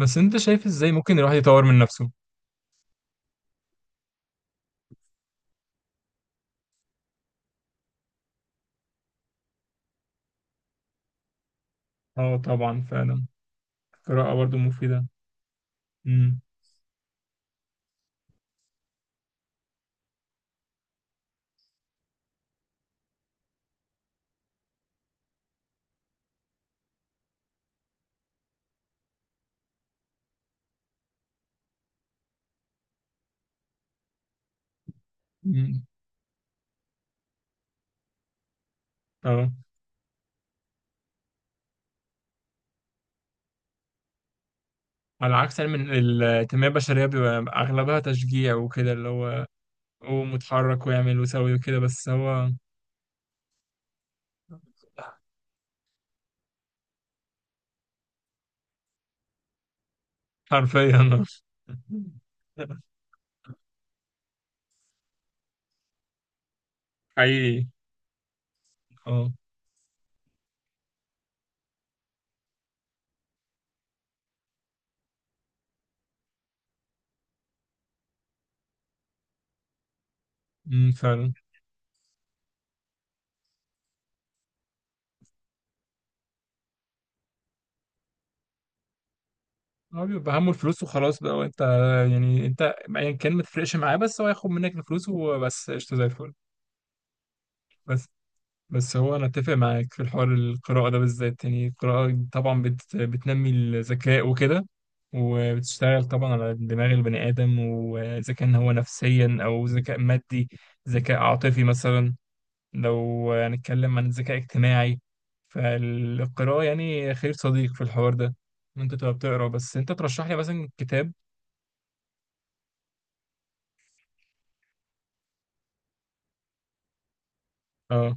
بس انت شايف ازاي ممكن الواحد يطور من نفسه؟ اه طبعا فعلا. القراءة برضو مفيدة. امم أمم. اه، على عكس علم التنمية البشرية بيبقى أغلبها تشجيع وكده، اللي هو قوم واتحرك واعمل وسوي وكده، بس هو حرفيا آه. حقيقي. اه. أمم، فعلا. هو بيبقى همه الفلوس وخلاص بقى، وانت يعني ايا كان ما تفرقش معاه، بس هو ياخد منك الفلوس وبس قشطة زي الفل. بس بس هو انا اتفق معاك في الحوار القراءه ده بالذات، يعني القراءه طبعا بتنمي الذكاء وكده، وبتشتغل طبعا على دماغ البني ادم، واذا كان هو نفسيا او ذكاء مادي، ذكاء عاطفي مثلا، لو هنتكلم عن الذكاء اجتماعي، فالقراءه يعني خير صديق في الحوار ده. إن انت تبقى بتقرا. بس انت ترشح لي مثلا كتاب. اه،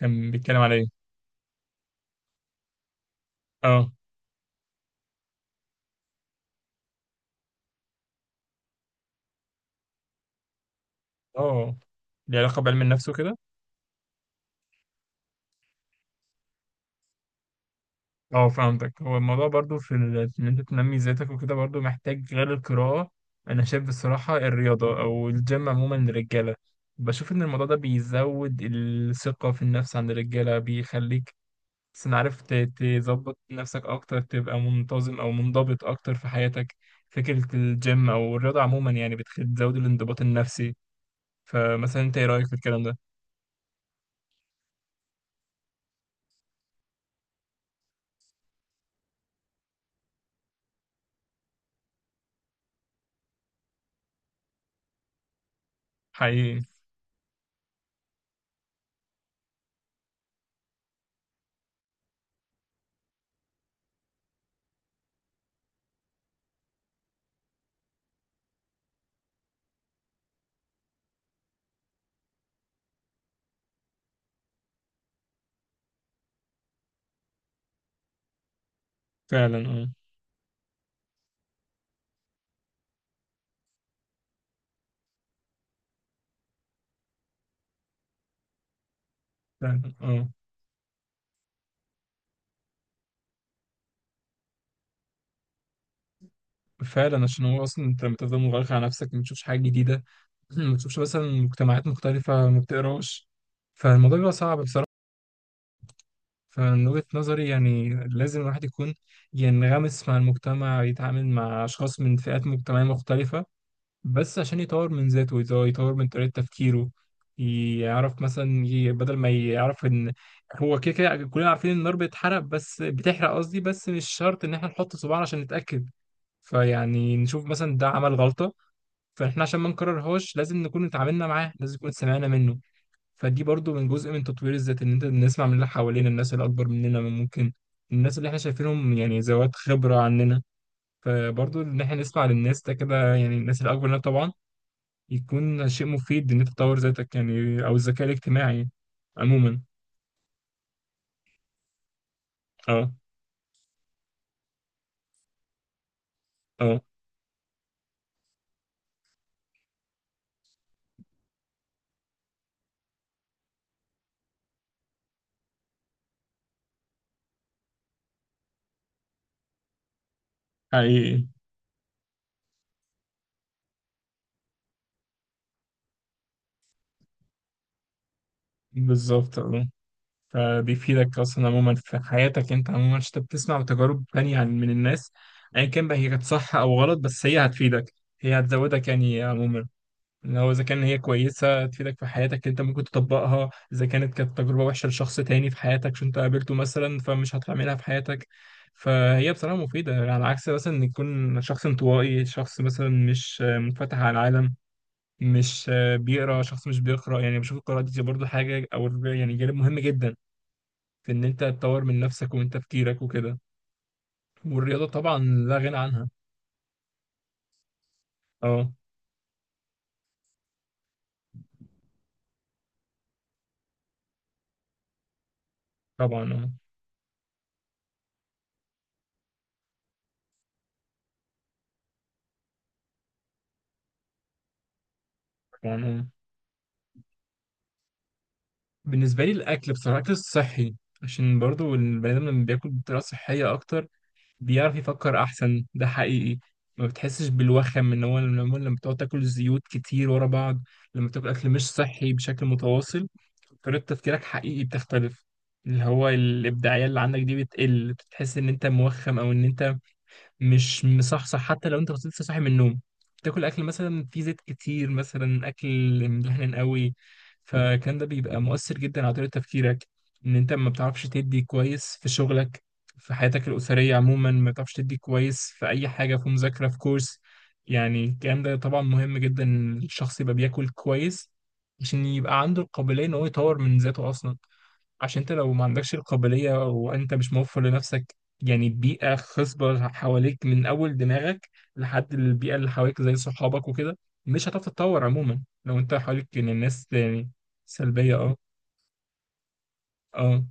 كان بيتكلم على ايه؟ اه. اه، ليه علاقه بعلم النفس وكده؟ اه، فهمتك. هو الموضوع برضو في ان انت تنمي ذاتك وكده برضو محتاج غير القراءة. انا شايف بصراحة الرياضة او الجيم عموما للرجالة، بشوف ان الموضوع ده بيزود الثقة في النفس عند الرجالة، بيخليك بس أنا عارف تظبط نفسك اكتر، تبقى منتظم او منضبط اكتر في حياتك. فكرة الجيم او الرياضة عموما يعني بتزود الانضباط النفسي. فمثلا انت ايه رأيك في الكلام ده؟ حقيقي. فعلا، اه. فعلا، اه. فعلا عشان هو اصلا انت لما تفضل مغلق على نفسك، ما تشوفش حاجه جديده، ما تشوفش مثلا مجتمعات مختلفه، ما بتقراش، فالموضوع بيبقى صعب بصراحه. فمن وجهه نظري يعني لازم الواحد يكون ينغمس مع المجتمع، يتعامل مع اشخاص من فئات مجتمعيه مختلفه، بس عشان يطور من ذاته، يطور من طريقه تفكيره. يعرف مثلا بدل ما يعرف ان هو كده كده، كلنا عارفين ان النار بتحرق، بس بتحرق قصدي، بس مش شرط ان احنا نحط صباعنا عشان نتاكد. فيعني نشوف مثلا ده عمل غلطه، فاحنا عشان ما نكررهاش لازم نكون اتعاملنا معاه، لازم نكون سمعنا منه. فدي برضو من جزء من تطوير الذات، ان انت نسمع من اللي حوالينا، الناس اللي اكبر مننا من ممكن الناس اللي احنا شايفينهم يعني ذوات خبرة عننا. فبرضو ان احنا نسمع للناس ده كده، يعني الناس اللي اكبر مننا طبعا، يكون شيء مفيد ان انت تطور ذاتك، يعني او الذكاء الاجتماعي عموما. اه. اه. حقيقي. بالظبط، اه. فبيفيدك اصلا عموما في حياتك انت عموما، عشان انت بتسمع تجارب تانية من الناس. ايا كان بقى هي كانت صح او غلط، بس هي هتفيدك، هي هتزودك يعني عموما. ان هو اذا كان هي كويسه تفيدك في حياتك انت ممكن تطبقها، اذا كانت تجربه وحشه لشخص تاني في حياتك عشان انت قابلته مثلا، فمش هتعملها في حياتك. فهي بصراحه مفيده، يعني على عكس مثلا ان يكون شخص انطوائي، شخص مثلا مش منفتح على العالم، مش بيقرا، شخص مش بيقرا، يعني بشوف القراءه دي برضو حاجه او يعني جانب مهم جدا في ان انت تطور من نفسك ومن تفكيرك وكده، والرياضه طبعا لا غنى عنها. اه طبعا. اه طبعا. اه، بالنسبه لي الاكل بصراحه، الاكل الصحي، عشان برضو البني ادم لما بياكل بطريقه صحيه اكتر بيعرف يفكر احسن، ده حقيقي. ما بتحسش بالوخم، ان هو لما بتقعد تاكل زيوت كتير ورا بعض، لما تاكل اكل مش صحي بشكل متواصل، طريقه تفكيرك حقيقي بتختلف. اللي هو الابداعيه اللي عندك دي بتقل، بتحس ان انت موخم، او ان انت مش مصحصح حتى لو انت كنت لسه صاحي من النوم، تاكل اكل مثلا فيه زيت كتير، مثلا اكل مدهن قوي. فالكلام ده بيبقى مؤثر جدا على طريقة تفكيرك، ان انت ما بتعرفش تدي كويس في شغلك، في حياتك الأسرية عموما، ما بتعرفش تدي كويس في أي حاجة، في مذاكرة، في كورس. يعني الكلام ده طبعا مهم جدا، إن الشخص يبقى بياكل كويس عشان يبقى عنده القابلية إن هو يطور من ذاته أصلا. عشان انت لو ما عندكش القابلية، وانت مش موفر لنفسك يعني بيئة خصبة حواليك، من أول دماغك لحد البيئة اللي حواليك زي صحابك وكده، مش هتعرف تتطور عموما لو انت حواليك يعني الناس يعني سلبية. اه. اه.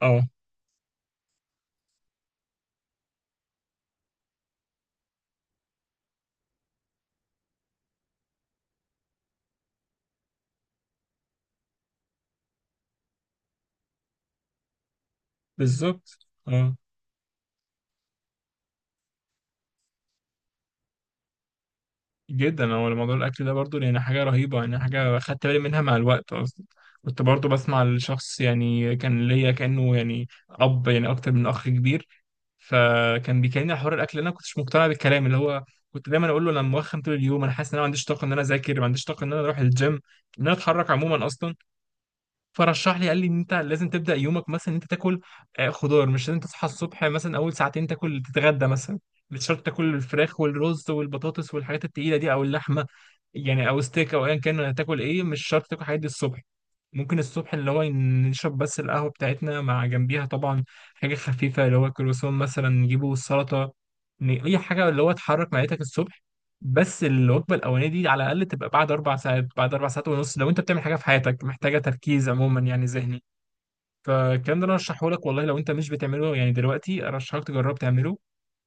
اه. بالظبط، اه. جدا، هو موضوع الأكل ده برضو يعني حاجة رهيبة، يعني حاجة خدت بالي منها مع الوقت أصلا. كنت برضو بسمع لشخص يعني كان ليا كأنه يعني أب، يعني أكتر من أخ كبير، فكان بيكلمني على حوار الاكل. انا ما كنتش مقتنع بالكلام اللي هو، كنت دايما اقول له انا موخم طول اليوم، انا حاسس ان انا ما عنديش طاقه ان انا اذاكر، ما عنديش طاقه ان انا اروح الجيم، ان انا اتحرك عموما اصلا. فرشح لي، قال لي ان انت لازم تبدا يومك مثلا ان انت تاكل خضار. مش لازم تصحى الصبح مثلا اول ساعتين تاكل، تتغدى مثلا، مش شرط تاكل الفراخ والرز والبطاطس والحاجات التقيله دي او اللحمه يعني، او ستيك، او ايا كان هتاكل ايه. مش شرط تاكل الحاجات دي الصبح. ممكن الصبح اللي هو نشرب بس القهوة بتاعتنا، مع جنبيها طبعا حاجة خفيفة، اللي هو كروسون مثلا، نجيبه السلطة، أي حاجة اللي هو تحرك معدتك الصبح. بس الوجبة الأولانية دي على الأقل تبقى بعد أربع ساعات، بعد أربع ساعات ونص لو أنت بتعمل حاجة في حياتك محتاجة تركيز عموما يعني ذهني. فالكلام ده أنا أرشحه لك والله، لو أنت مش بتعمله يعني دلوقتي أرشحك تجرب تعمله.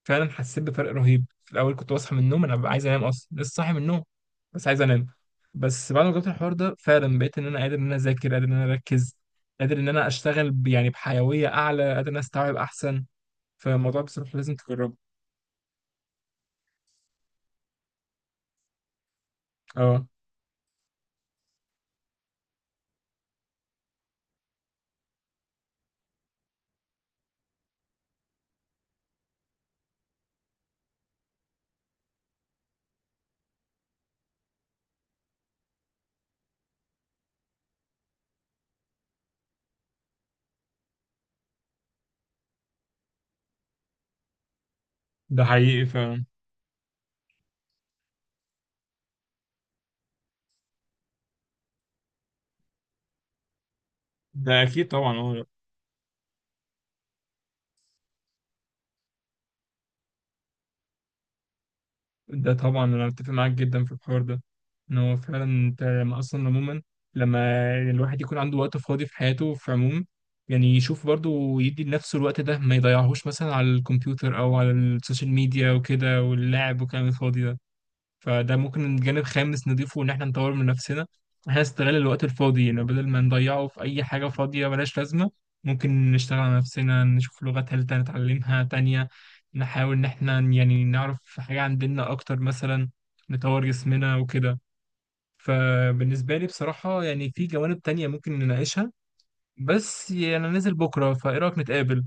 فعلا حسيت بفرق رهيب. في الاول كنت بصحى من النوم انا ببقى عايز انام، اصلا لسه صاحي من النوم بس عايز انام. بس بعد ما جربت الحوار ده فعلا بقيت ان انا قادر ان انا اذاكر، قادر ان انا اركز، قادر ان انا اشتغل يعني بحيويه اعلى، قادر ان انا استوعب احسن. فالموضوع بصراحه لازم تجربه. اه. ده حقيقي فعلا. ده اكيد طبعا، اه. ده طبعا انا متفق معاك جدا في الحوار ده. ان هو فعلا انت لما اصلا عموما، لما الواحد يكون عنده وقت فاضي في حياته في عموم، يعني يشوف برضه ويدي لنفسه الوقت ده، ما يضيعهوش مثلا على الكمبيوتر او على السوشيال ميديا وكده، واللعب والكلام الفاضي ده. فده ممكن جانب خامس نضيفه ان احنا نطور من نفسنا. احنا نستغل الوقت الفاضي يعني، بدل ما نضيعه في اي حاجة فاضية ملهاش لازمة، ممكن نشتغل على نفسنا، نشوف لغة تالتة نتعلمها تانية، نحاول ان احنا يعني نعرف حاجة عندنا اكتر مثلا، نطور جسمنا وكده. فبالنسبة لي بصراحة يعني في جوانب تانية ممكن نناقشها، بس يعني انا نازل بكرة، فايه رأيك نتقابل؟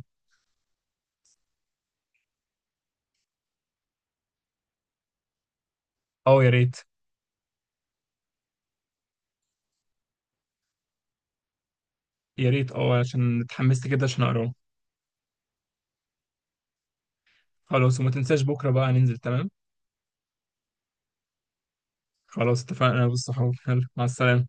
اه يا ريت. يا ريت، اه، عشان اتحمست كده عشان اقراه. خلاص، وما تنساش بكرة بقى ننزل، تمام؟ خلاص اتفقنا، بص، حلو، مع السلامة.